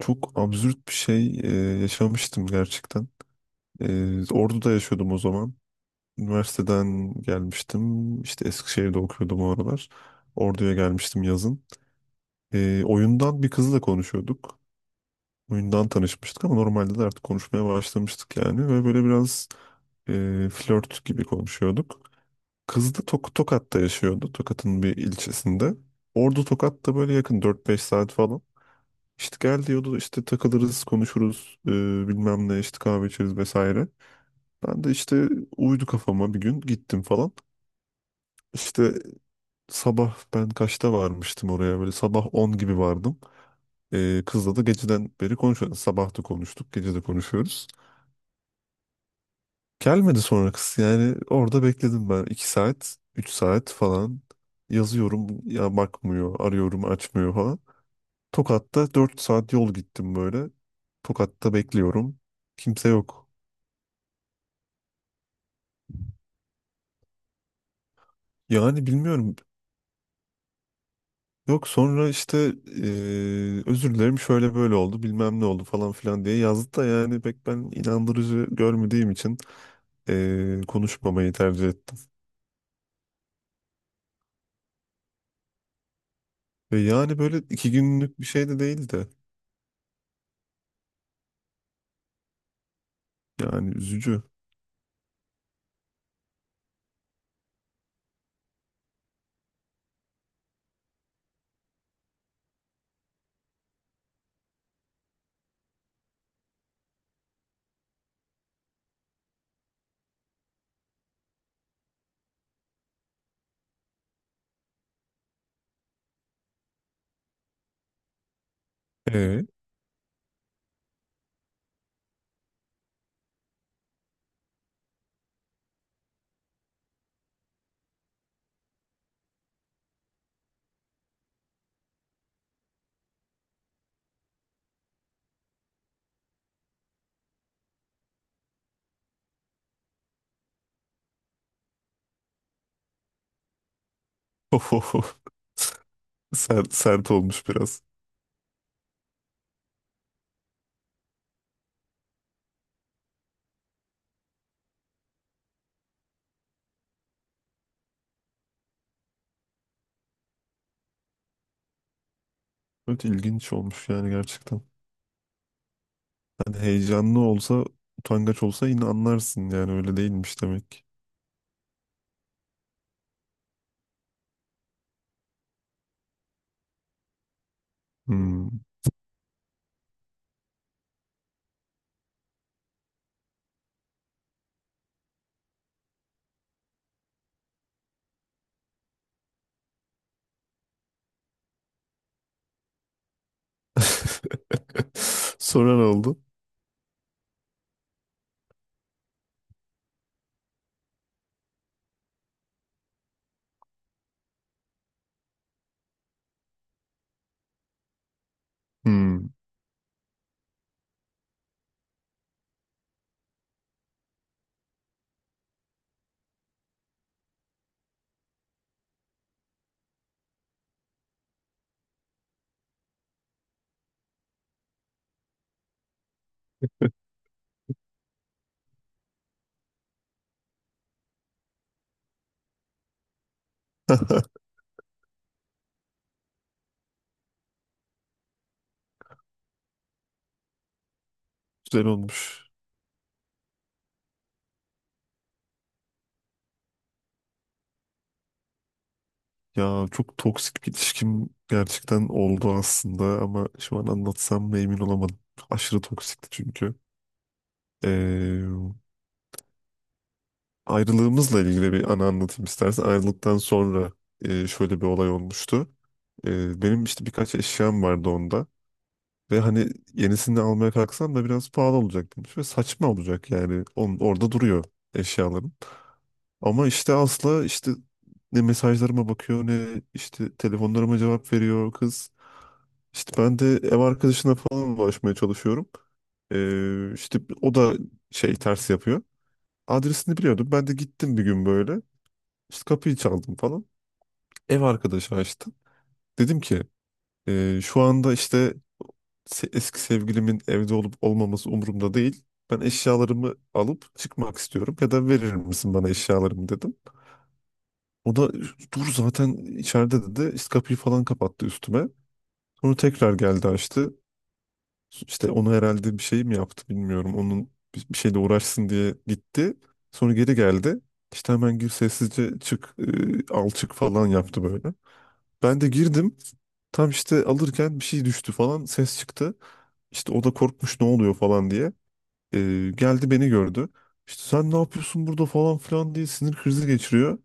Çok absürt bir şey yaşamıştım gerçekten. Ordu'da yaşıyordum o zaman. Üniversiteden gelmiştim. İşte Eskişehir'de okuyordum o aralar. Ordu'ya gelmiştim yazın. Oyundan bir kızla konuşuyorduk. Oyundan tanışmıştık ama normalde de artık konuşmaya başlamıştık yani. Ve böyle biraz flört gibi konuşuyorduk. Kız da Tokat'ta yaşıyordu. Tokat'ın bir ilçesinde. Ordu Tokat da böyle yakın 4-5 saat falan. İşte gel diyordu işte takılırız konuşuruz bilmem ne işte kahve içeriz vesaire. Ben de işte uydu kafama bir gün gittim falan. İşte sabah ben kaçta varmıştım oraya böyle sabah 10 gibi vardım. Kızla da geceden beri konuşuyoruz. Sabah da konuştuk gece de konuşuyoruz. Gelmedi sonra kız yani orada bekledim ben 2 saat 3 saat falan yazıyorum ya bakmıyor arıyorum açmıyor falan. Tokat'ta 4 saat yol gittim böyle. Tokat'ta bekliyorum. Kimse yok. Yani bilmiyorum. Yok sonra işte özür dilerim şöyle böyle oldu bilmem ne oldu falan filan diye yazdı da yani pek ben inandırıcı görmediğim için konuşmamayı tercih ettim. Ve yani böyle 2 günlük bir şey de değildi. Yani üzücü. Ee, Sert, sert olmuş biraz. Evet ilginç olmuş yani gerçekten. Hani heyecanlı olsa utangaç olsa yine anlarsın yani öyle değilmiş demek. Hmm. Sonra ne oldu? Hmm. Güzel olmuş. Ya çok toksik bir ilişkim gerçekten oldu aslında ama şu an anlatsam mı emin olamadım. Aşırı toksikti çünkü. Ee, ayrılığımızla ilgili bir anı anlatayım istersen. Ayrılıktan sonra şöyle bir olay olmuştu. Benim işte birkaç eşyam vardı onda. Ve hani yenisini almaya kalksam da biraz pahalı olacak demiş ve saçma olacak yani. Orada duruyor eşyalarım. Ama işte asla işte ne mesajlarıma bakıyor ne işte telefonlarıma cevap veriyor kız. İşte ben de ev arkadaşına falan ulaşmaya çalışıyorum. İşte o da şey ters yapıyor. Adresini biliyordum. Ben de gittim bir gün böyle. İşte kapıyı çaldım falan. Ev arkadaşı açtı. Dedim ki şu anda işte eski sevgilimin evde olup olmaması umurumda değil. Ben eşyalarımı alıp çıkmak istiyorum ya da verir misin bana eşyalarımı dedim. O da dur zaten içeride dedi. İşte kapıyı falan kapattı üstüme. Sonra tekrar geldi açtı. İşte onu herhalde bir şey mi yaptı bilmiyorum. Onun bir şeyle uğraşsın diye gitti. Sonra geri geldi. İşte hemen gir sessizce çık al çık falan yaptı böyle. Ben de girdim. Tam işte alırken bir şey düştü falan ses çıktı. İşte o da korkmuş ne oluyor falan diye. Geldi beni gördü. İşte sen ne yapıyorsun burada falan filan diye sinir krizi geçiriyor.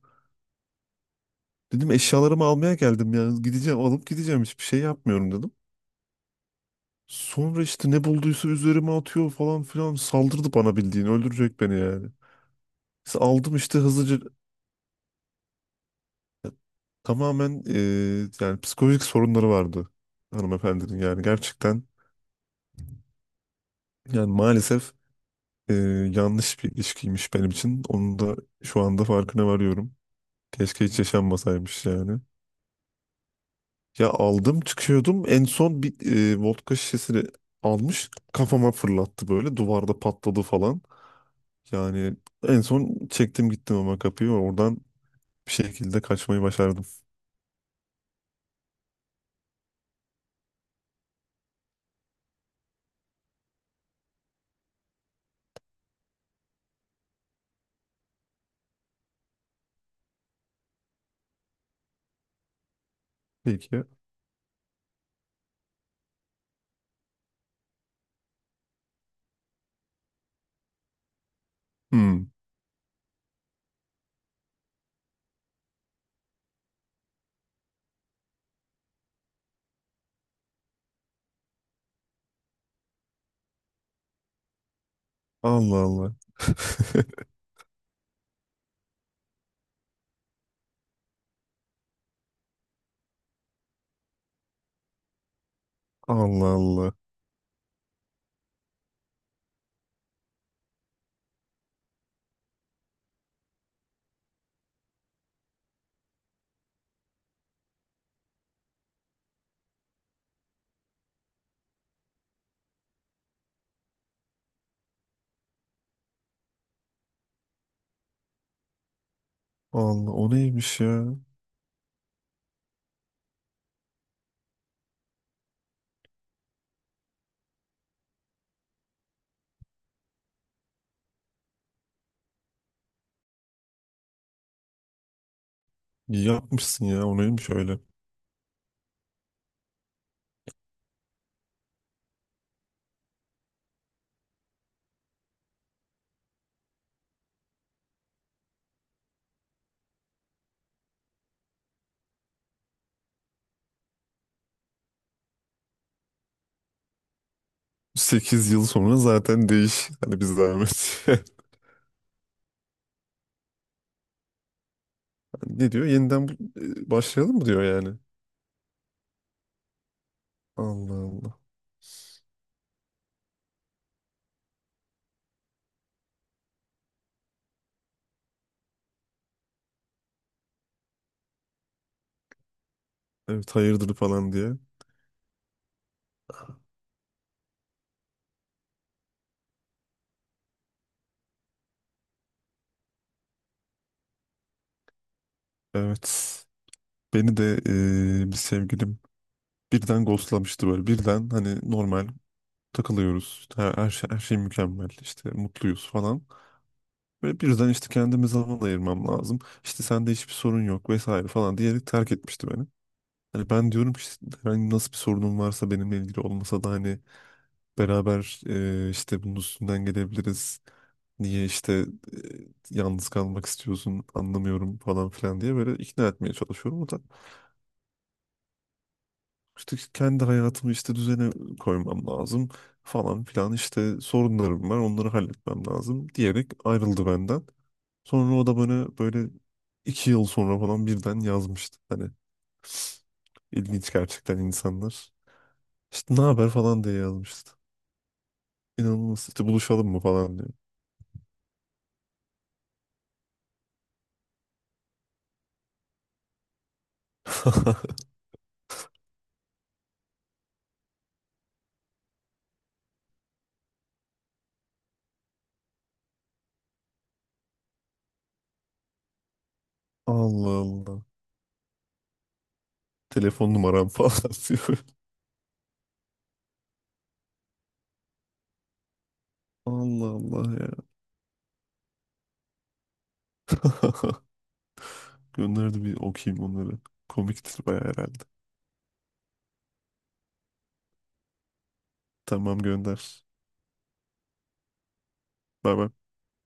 Dedim eşyalarımı almaya geldim yani gideceğim alıp gideceğim hiçbir şey yapmıyorum dedim. Sonra işte ne bulduysa üzerime atıyor falan filan saldırdı bana bildiğin öldürecek beni yani. İşte aldım işte hızlıca tamamen yani psikolojik sorunları vardı hanımefendinin yani gerçekten yani maalesef eee, yanlış bir ilişkiymiş benim için. Onun da şu anda farkına varıyorum. Keşke hiç yaşanmasaymış yani. Ya aldım çıkıyordum. En son bir vodka şişesini almış kafama fırlattı böyle. Duvarda patladı falan. Yani en son çektim gittim ama kapıyı oradan bir şekilde kaçmayı başardım. Peki. Hmm. Allah Allah. Allah Allah. Allah o neymiş ya? İyi yapmışsın ya o neymiş öyle. 8 yıl sonra zaten değiş. Hani biz zahmet. Ne diyor? Yeniden başlayalım mı diyor yani. Allah Allah. Evet hayırdır falan diye. Evet. Beni de bir sevgilim birden ghostlamıştı böyle. Birden hani normal takılıyoruz. İşte Her şey mükemmel. İşte mutluyuz falan. Ve birden işte kendime zaman ayırmam lazım. İşte sende hiçbir sorun yok vesaire falan diyerek terk etmişti beni. Hani ben diyorum ki işte herhangi nasıl bir sorunun varsa benimle ilgili olmasa da hani beraber işte bunun üstünden gelebiliriz. Niye işte yalnız kalmak istiyorsun anlamıyorum falan filan diye böyle ikna etmeye çalışıyorum. O da İşte kendi hayatımı işte düzene koymam lazım falan filan işte sorunlarım var onları halletmem lazım diyerek ayrıldı benden. Sonra o da bana böyle 2 yıl sonra falan birden yazmıştı. Hani ilginç gerçekten insanlar. İşte ne haber falan diye yazmıştı. İnanılmaz işte buluşalım mı falan diyor. Allah Allah. Telefon numaram falan diyor. Allah Allah ya. Gönderdi bir okuyayım onları. Komiktir baya herhalde. Tamam gönder. Bay bay.